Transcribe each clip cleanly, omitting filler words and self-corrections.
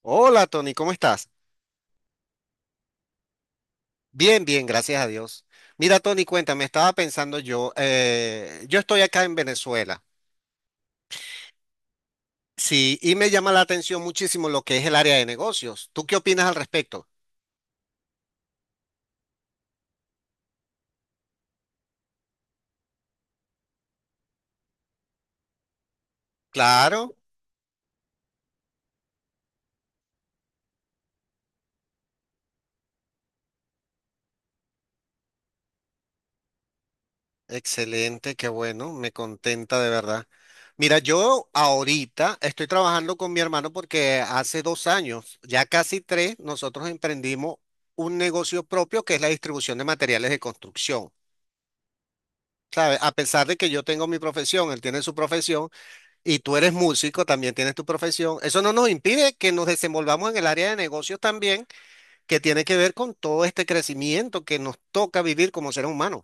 Hola Tony, ¿cómo estás? Bien, bien, gracias a Dios. Mira Tony, cuéntame, estaba pensando yo, yo estoy acá en Venezuela, sí, y me llama la atención muchísimo lo que es el área de negocios. ¿Tú qué opinas al respecto? Claro, excelente, qué bueno, me contenta de verdad. Mira, yo ahorita estoy trabajando con mi hermano porque hace 2 años, ya casi 3, nosotros emprendimos un negocio propio que es la distribución de materiales de construcción. ¿Sabes? A pesar de que yo tengo mi profesión, él tiene su profesión y tú eres músico, también tienes tu profesión, eso no nos impide que nos desenvolvamos en el área de negocios también, que tiene que ver con todo este crecimiento que nos toca vivir como seres humanos,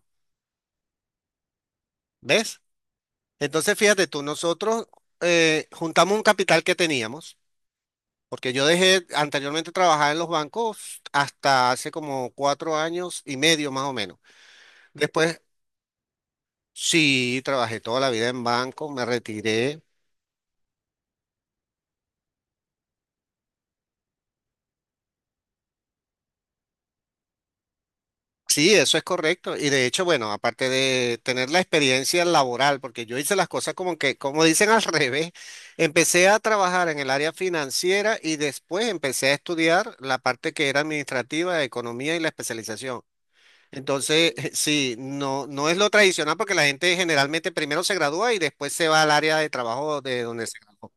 ¿ves? Entonces, fíjate tú, nosotros juntamos un capital que teníamos, porque yo dejé anteriormente trabajar en los bancos hasta hace como 4 años y medio más o menos. Después, sí, trabajé toda la vida en bancos, me retiré. Sí, eso es correcto. Y de hecho, bueno, aparte de tener la experiencia laboral, porque yo hice las cosas como que, como dicen al revés, empecé a trabajar en el área financiera y después empecé a estudiar la parte que era administrativa, economía y la especialización. Entonces, sí, no, no es lo tradicional porque la gente generalmente primero se gradúa y después se va al área de trabajo de donde se graduó.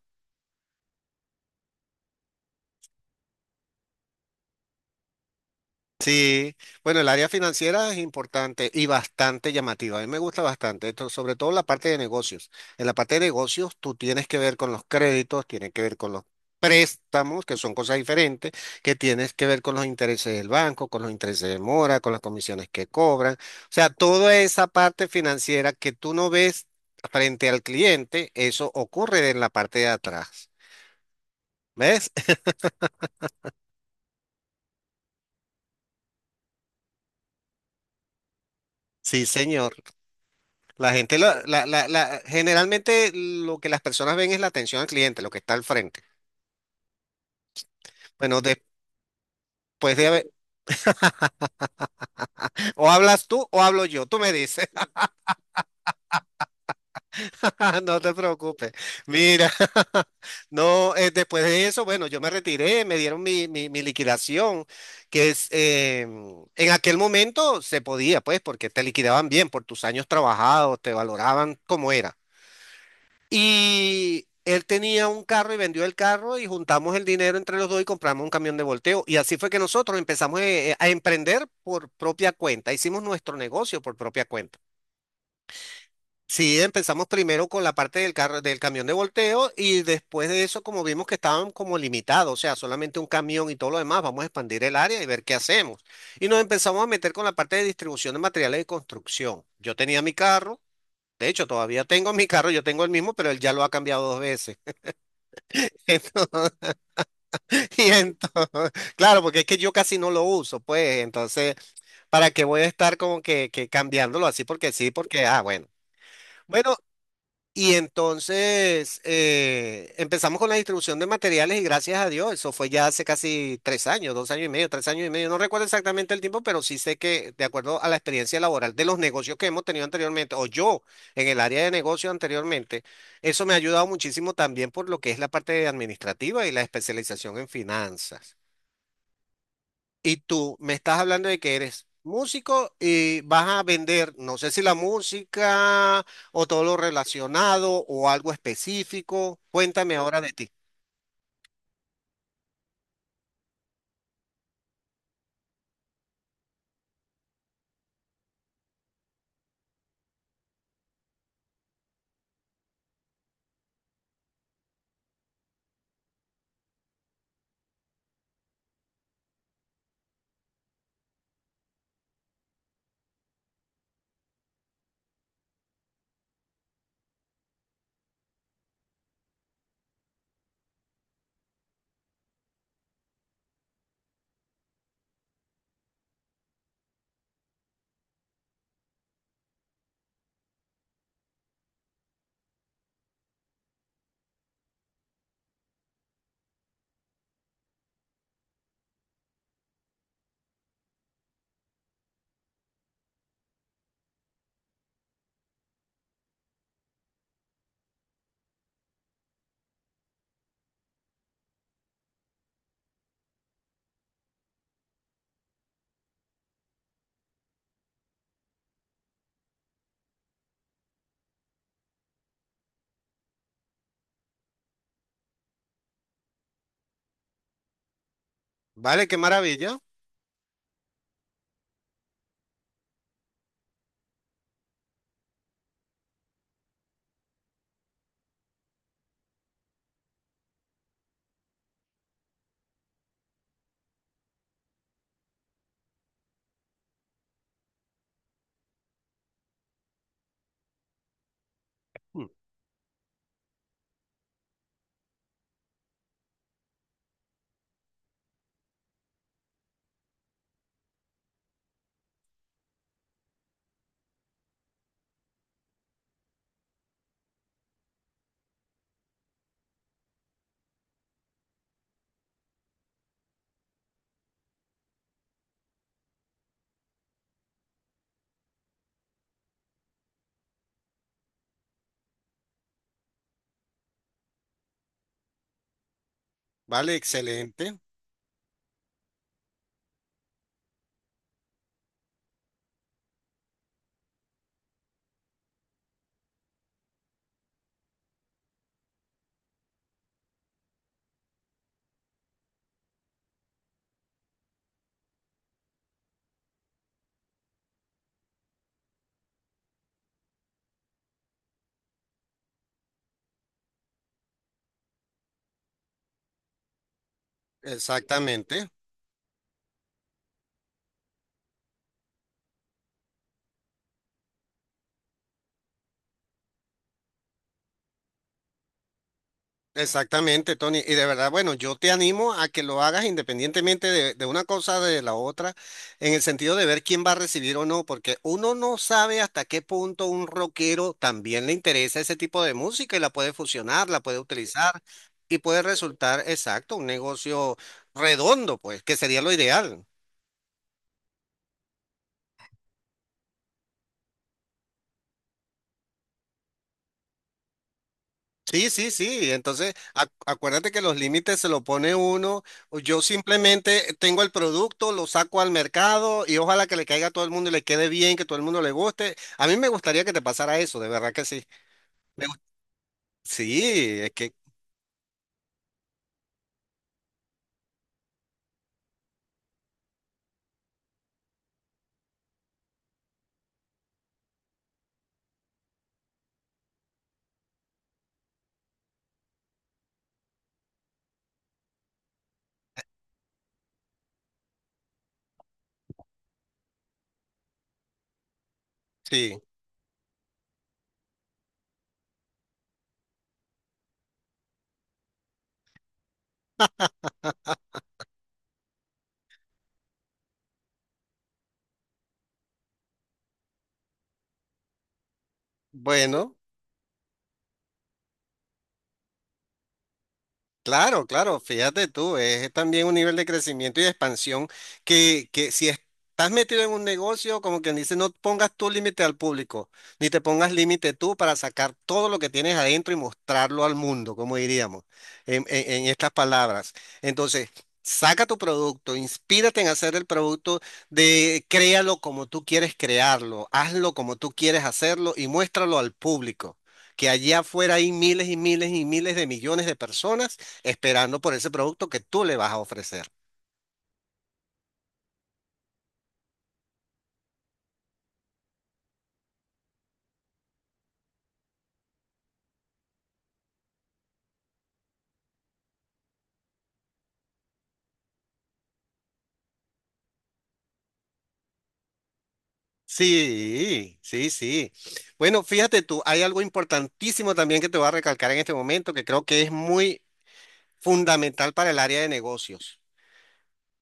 Sí, bueno, el área financiera es importante y bastante llamativa. A mí me gusta bastante, esto, sobre todo la parte de negocios. En la parte de negocios, tú tienes que ver con los créditos, tienes que ver con los préstamos, que son cosas diferentes, que tienes que ver con los intereses del banco, con los intereses de mora, con las comisiones que cobran. O sea, toda esa parte financiera que tú no ves frente al cliente, eso ocurre en la parte de atrás. ¿Ves? Sí, señor. La gente, generalmente lo que las personas ven es la atención al cliente, lo que está al frente. Bueno, de haber, o hablas tú o hablo yo, tú me dices, no te preocupes. Mira, no, después de eso, bueno, yo me retiré, me dieron mi, liquidación, que es, en aquel momento se podía, pues, porque te liquidaban bien por tus años trabajados, te valoraban como era. Y él tenía un carro y vendió el carro y juntamos el dinero entre los dos y compramos un camión de volteo. Y así fue que nosotros empezamos a emprender por propia cuenta. Hicimos nuestro negocio por propia cuenta. Sí, empezamos primero con la parte del carro, del camión de volteo y después de eso, como vimos que estaban como limitados, o sea, solamente un camión y todo lo demás, vamos a expandir el área y ver qué hacemos. Y nos empezamos a meter con la parte de distribución de materiales de construcción. Yo tenía mi carro, de hecho, todavía tengo mi carro, yo tengo el mismo, pero él ya lo ha cambiado 2 veces. Claro, porque es que yo casi no lo uso, pues, entonces, ¿para qué voy a estar como que cambiándolo así? Porque sí, porque, ah, bueno. Bueno, y entonces empezamos con la distribución de materiales y gracias a Dios, eso fue ya hace casi 3 años, 2 años y medio, 3 años y medio, no recuerdo exactamente el tiempo, pero sí sé que de acuerdo a la experiencia laboral de los negocios que hemos tenido anteriormente, o yo en el área de negocio anteriormente, eso me ha ayudado muchísimo también por lo que es la parte administrativa y la especialización en finanzas. Y tú me estás hablando de que eres músico y vas a vender, no sé si la música o todo lo relacionado o algo específico. Cuéntame ahora de ti. Vale, qué maravilla. Vale, excelente. Exactamente. Exactamente, Tony. Y de verdad, bueno, yo te animo a que lo hagas independientemente de una cosa de la otra, en el sentido de ver quién va a recibir o no, porque uno no sabe hasta qué punto un rockero también le interesa ese tipo de música y la puede fusionar, la puede utilizar y puede resultar, exacto, un negocio redondo, pues, que sería lo ideal. Sí, sí, sí. Entonces, acuérdate que los límites se lo pone uno. O Yo simplemente tengo el producto, lo saco al mercado y ojalá que le caiga a todo el mundo y le quede bien, que todo el mundo le guste. A mí me gustaría que te pasara eso, de verdad que sí. Me gust- sí, es que sí. Bueno. Claro, claro, fíjate tú, es también un nivel de crecimiento y de expansión que si estás metido en un negocio, como quien dice, no pongas tú límite al público, ni te pongas límite tú para sacar todo lo que tienes adentro y mostrarlo al mundo, como diríamos, en estas palabras. Entonces, saca tu producto, inspírate en hacer el producto de créalo como tú quieres crearlo, hazlo como tú quieres hacerlo y muéstralo al público. Que allá afuera hay miles y miles y miles de millones de personas esperando por ese producto que tú le vas a ofrecer. Sí, sí, sí. Bueno, fíjate tú, hay algo importantísimo también que te voy a recalcar en este momento que creo que es muy fundamental para el área de negocios.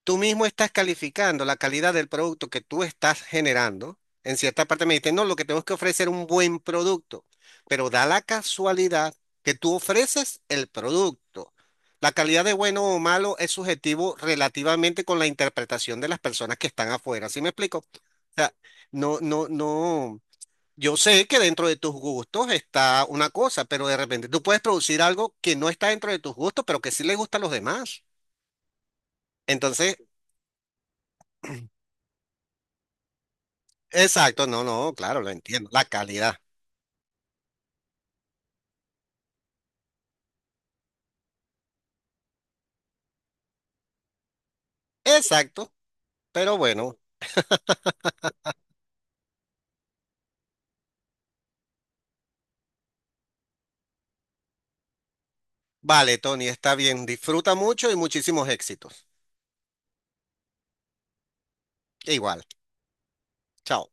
Tú mismo estás calificando la calidad del producto que tú estás generando. En cierta parte me dicen, no, lo que tenemos que ofrecer es un buen producto, pero da la casualidad que tú ofreces el producto. La calidad de bueno o malo es subjetivo relativamente con la interpretación de las personas que están afuera. ¿Sí me explico? O sea, no, no, no. Yo sé que dentro de tus gustos está una cosa, pero de repente tú puedes producir algo que no está dentro de tus gustos, pero que sí le gusta a los demás. Entonces, exacto, no, no, claro, lo entiendo. La calidad. Exacto, pero bueno, vale, Tony, está bien. Disfruta mucho y muchísimos éxitos. Igual, chao.